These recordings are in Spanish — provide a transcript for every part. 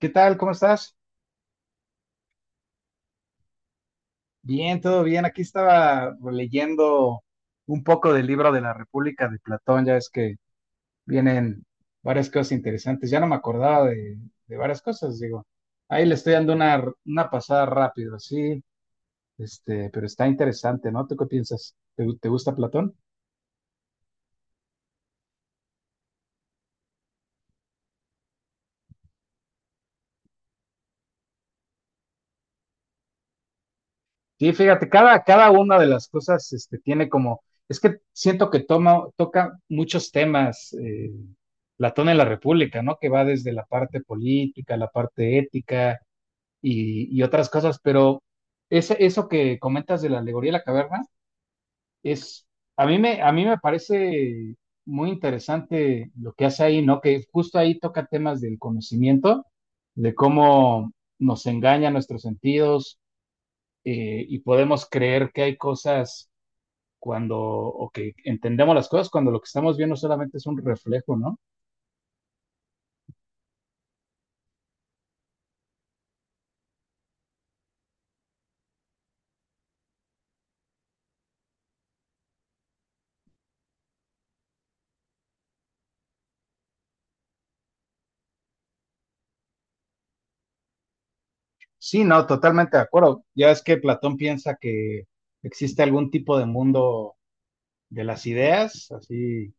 ¿Qué tal? ¿Cómo estás? Bien, todo bien. Aquí estaba leyendo un poco del libro de la República de Platón. Ya ves que vienen varias cosas interesantes. Ya no me acordaba de varias cosas, digo. Ahí le estoy dando una pasada rápido, así, pero está interesante, ¿no? ¿Tú qué piensas? ¿Te gusta Platón? Sí, fíjate, cada una de las cosas este, tiene como, es que siento que toca muchos temas Platón en la República, ¿no? Que va desde la parte política, la parte ética y otras cosas, pero eso que comentas de la alegoría de la caverna es, a mí me parece muy interesante lo que hace ahí, ¿no? Que justo ahí toca temas del conocimiento, de cómo nos engaña nuestros sentidos y podemos creer que hay cosas cuando, o que entendemos las cosas cuando lo que estamos viendo solamente es un reflejo, ¿no? Sí, no, totalmente de acuerdo. Ya es que Platón piensa que existe algún tipo de mundo de las ideas, así,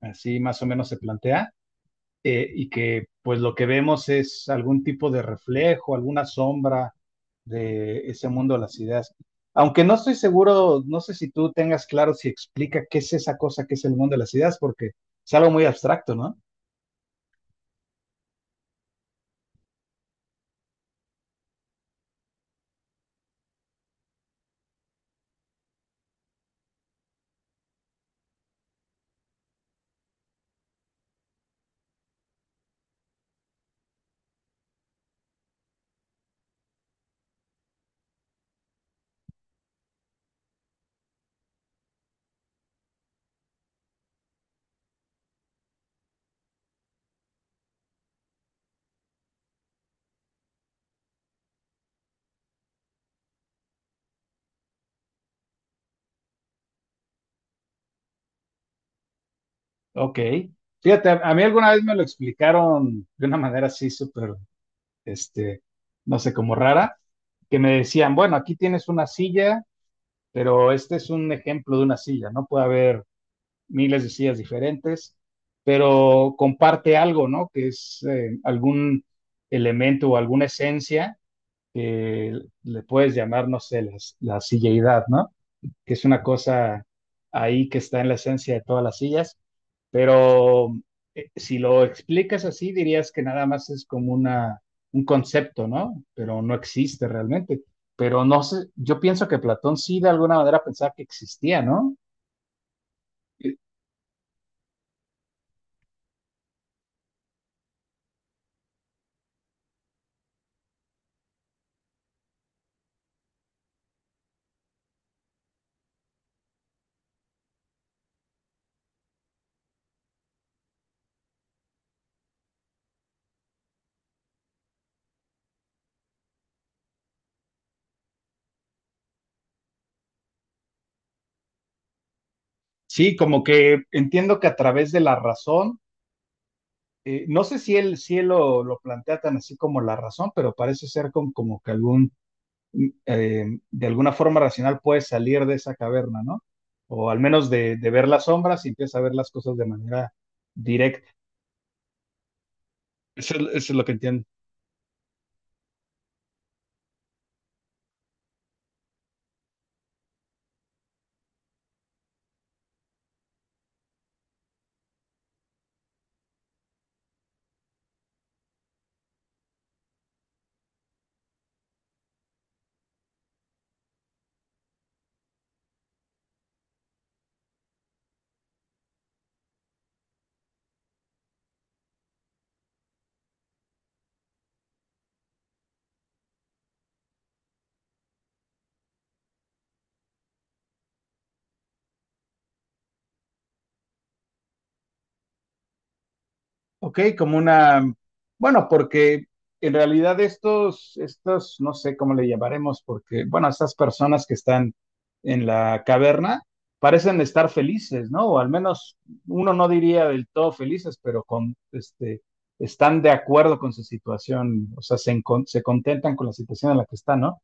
así más o menos se plantea, y que pues lo que vemos es algún tipo de reflejo, alguna sombra de ese mundo de las ideas. Aunque no estoy seguro, no sé si tú tengas claro si explica qué es esa cosa que es el mundo de las ideas, porque es algo muy abstracto, ¿no? Ok. Fíjate, a mí alguna vez me lo explicaron de una manera así súper, este, no sé, como rara, que me decían, bueno, aquí tienes una silla, pero este es un ejemplo de una silla, no puede haber miles de sillas diferentes, pero comparte algo, ¿no? Que es algún elemento o alguna esencia que le puedes llamar, no sé, la silleidad, ¿no? Que es una cosa ahí que está en la esencia de todas las sillas, pero si lo explicas así, dirías que nada más es como una, un concepto, ¿no? Pero no existe realmente. Pero no sé, yo pienso que Platón sí de alguna manera pensaba que existía, ¿no? Sí, como que entiendo que a través de la razón, no sé si él lo plantea tan así como la razón, pero parece ser con, como que algún, mm, eh, de alguna forma racional puedes salir de esa caverna, ¿no? O al menos de ver las sombras y empieza a ver las cosas de manera directa. Eso, eso es lo que entiendo. Ok, como una, bueno, porque en realidad estos, no sé cómo le llamaremos, porque, bueno, estas personas que están en la caverna parecen estar felices, ¿no? O al menos uno no diría del todo felices, pero con, este, están de acuerdo con su situación, o sea, se, se contentan con la situación en la que están, ¿no?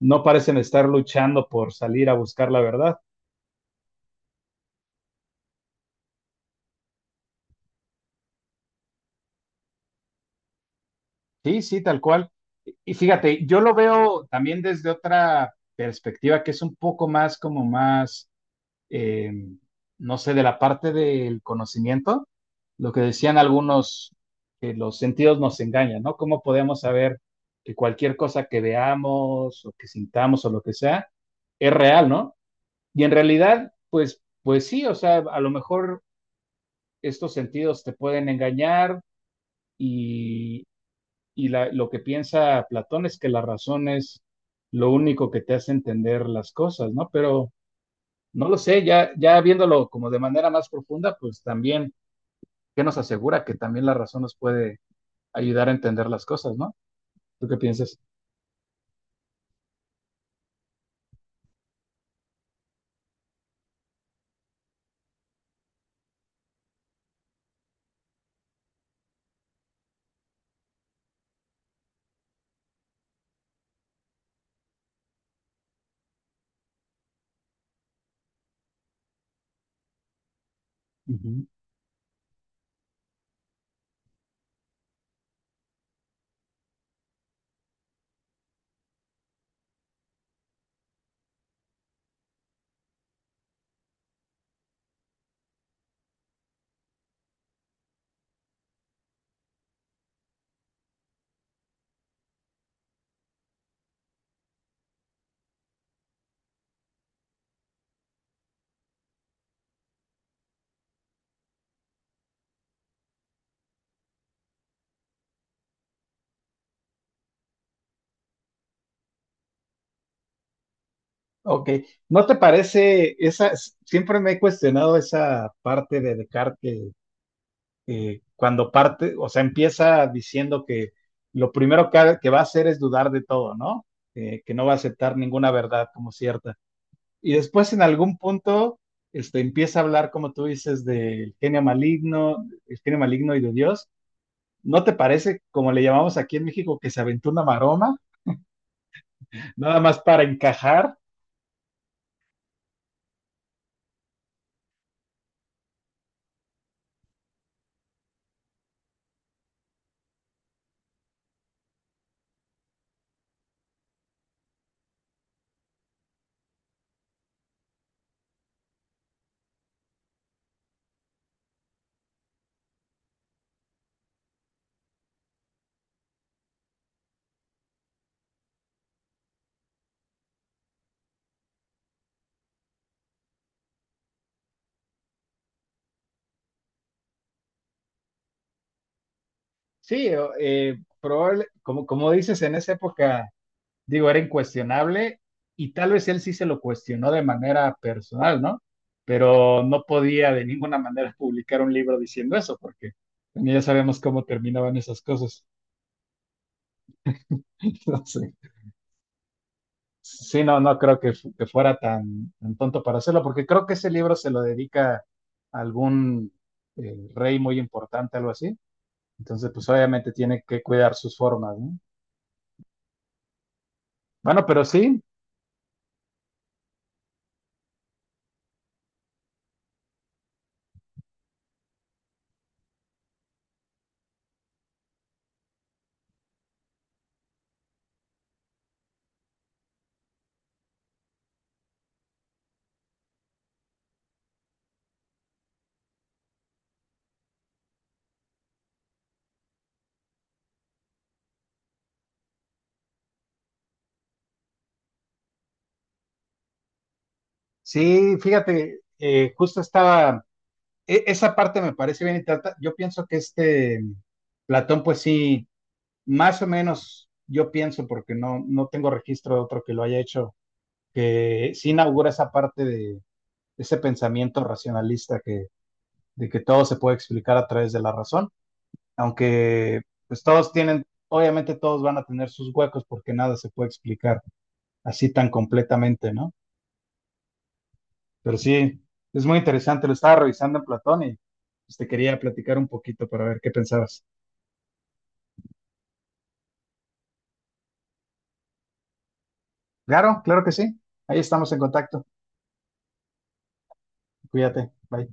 No parecen estar luchando por salir a buscar la verdad. Sí, sí, tal cual. Y fíjate, yo lo veo también desde otra perspectiva que es un poco más como más, eh, no sé, de la parte del conocimiento, lo que decían algunos, que los sentidos nos engañan, ¿no? ¿Cómo podemos saber que cualquier cosa que veamos o que sintamos o lo que sea es real, ¿no? Y en realidad, pues, pues sí, o sea, a lo mejor estos sentidos te pueden engañar y lo que piensa Platón es que la razón es lo único que te hace entender las cosas, ¿no? Pero no lo sé, ya viéndolo como de manera más profunda, pues también, ¿qué nos asegura que también la razón nos puede ayudar a entender las cosas, ¿no? ¿Tú qué piensas? Ujú. Ok, ¿no te parece esa? Siempre me he cuestionado esa parte de Descartes cuando parte, o sea, empieza diciendo que lo primero que va a hacer es dudar de todo, ¿no? Que no va a aceptar ninguna verdad como cierta. Y después en algún punto empieza a hablar, como tú dices, del genio maligno, el genio maligno y de Dios. ¿No te parece, como le llamamos aquí en México, que se aventó una maroma? Nada más para encajar. Sí, probable, como, como dices, en esa época digo, era incuestionable y tal vez él sí se lo cuestionó de manera personal, ¿no? Pero no podía de ninguna manera publicar un libro diciendo eso, porque ya sabemos cómo terminaban esas cosas. Entonces, sí, no, no creo que, que fuera tan, tan tonto para hacerlo, porque creo que ese libro se lo dedica a algún rey muy importante, algo así. Entonces, pues obviamente tiene que cuidar sus formas, ¿no? Bueno, pero sí, sí, fíjate, justo estaba esa parte me parece bien y trata, yo pienso que este Platón, pues sí, más o menos, yo pienso, porque no, no tengo registro de otro que lo haya hecho, que sí inaugura esa parte de ese pensamiento racionalista que, de que todo se puede explicar a través de la razón, aunque pues todos tienen, obviamente todos van a tener sus huecos porque nada se puede explicar así tan completamente, ¿no? Pero sí, es muy interesante, lo estaba revisando en Platón y pues, te quería platicar un poquito para ver qué pensabas. Claro, claro que sí. Ahí estamos en contacto. Cuídate. Bye.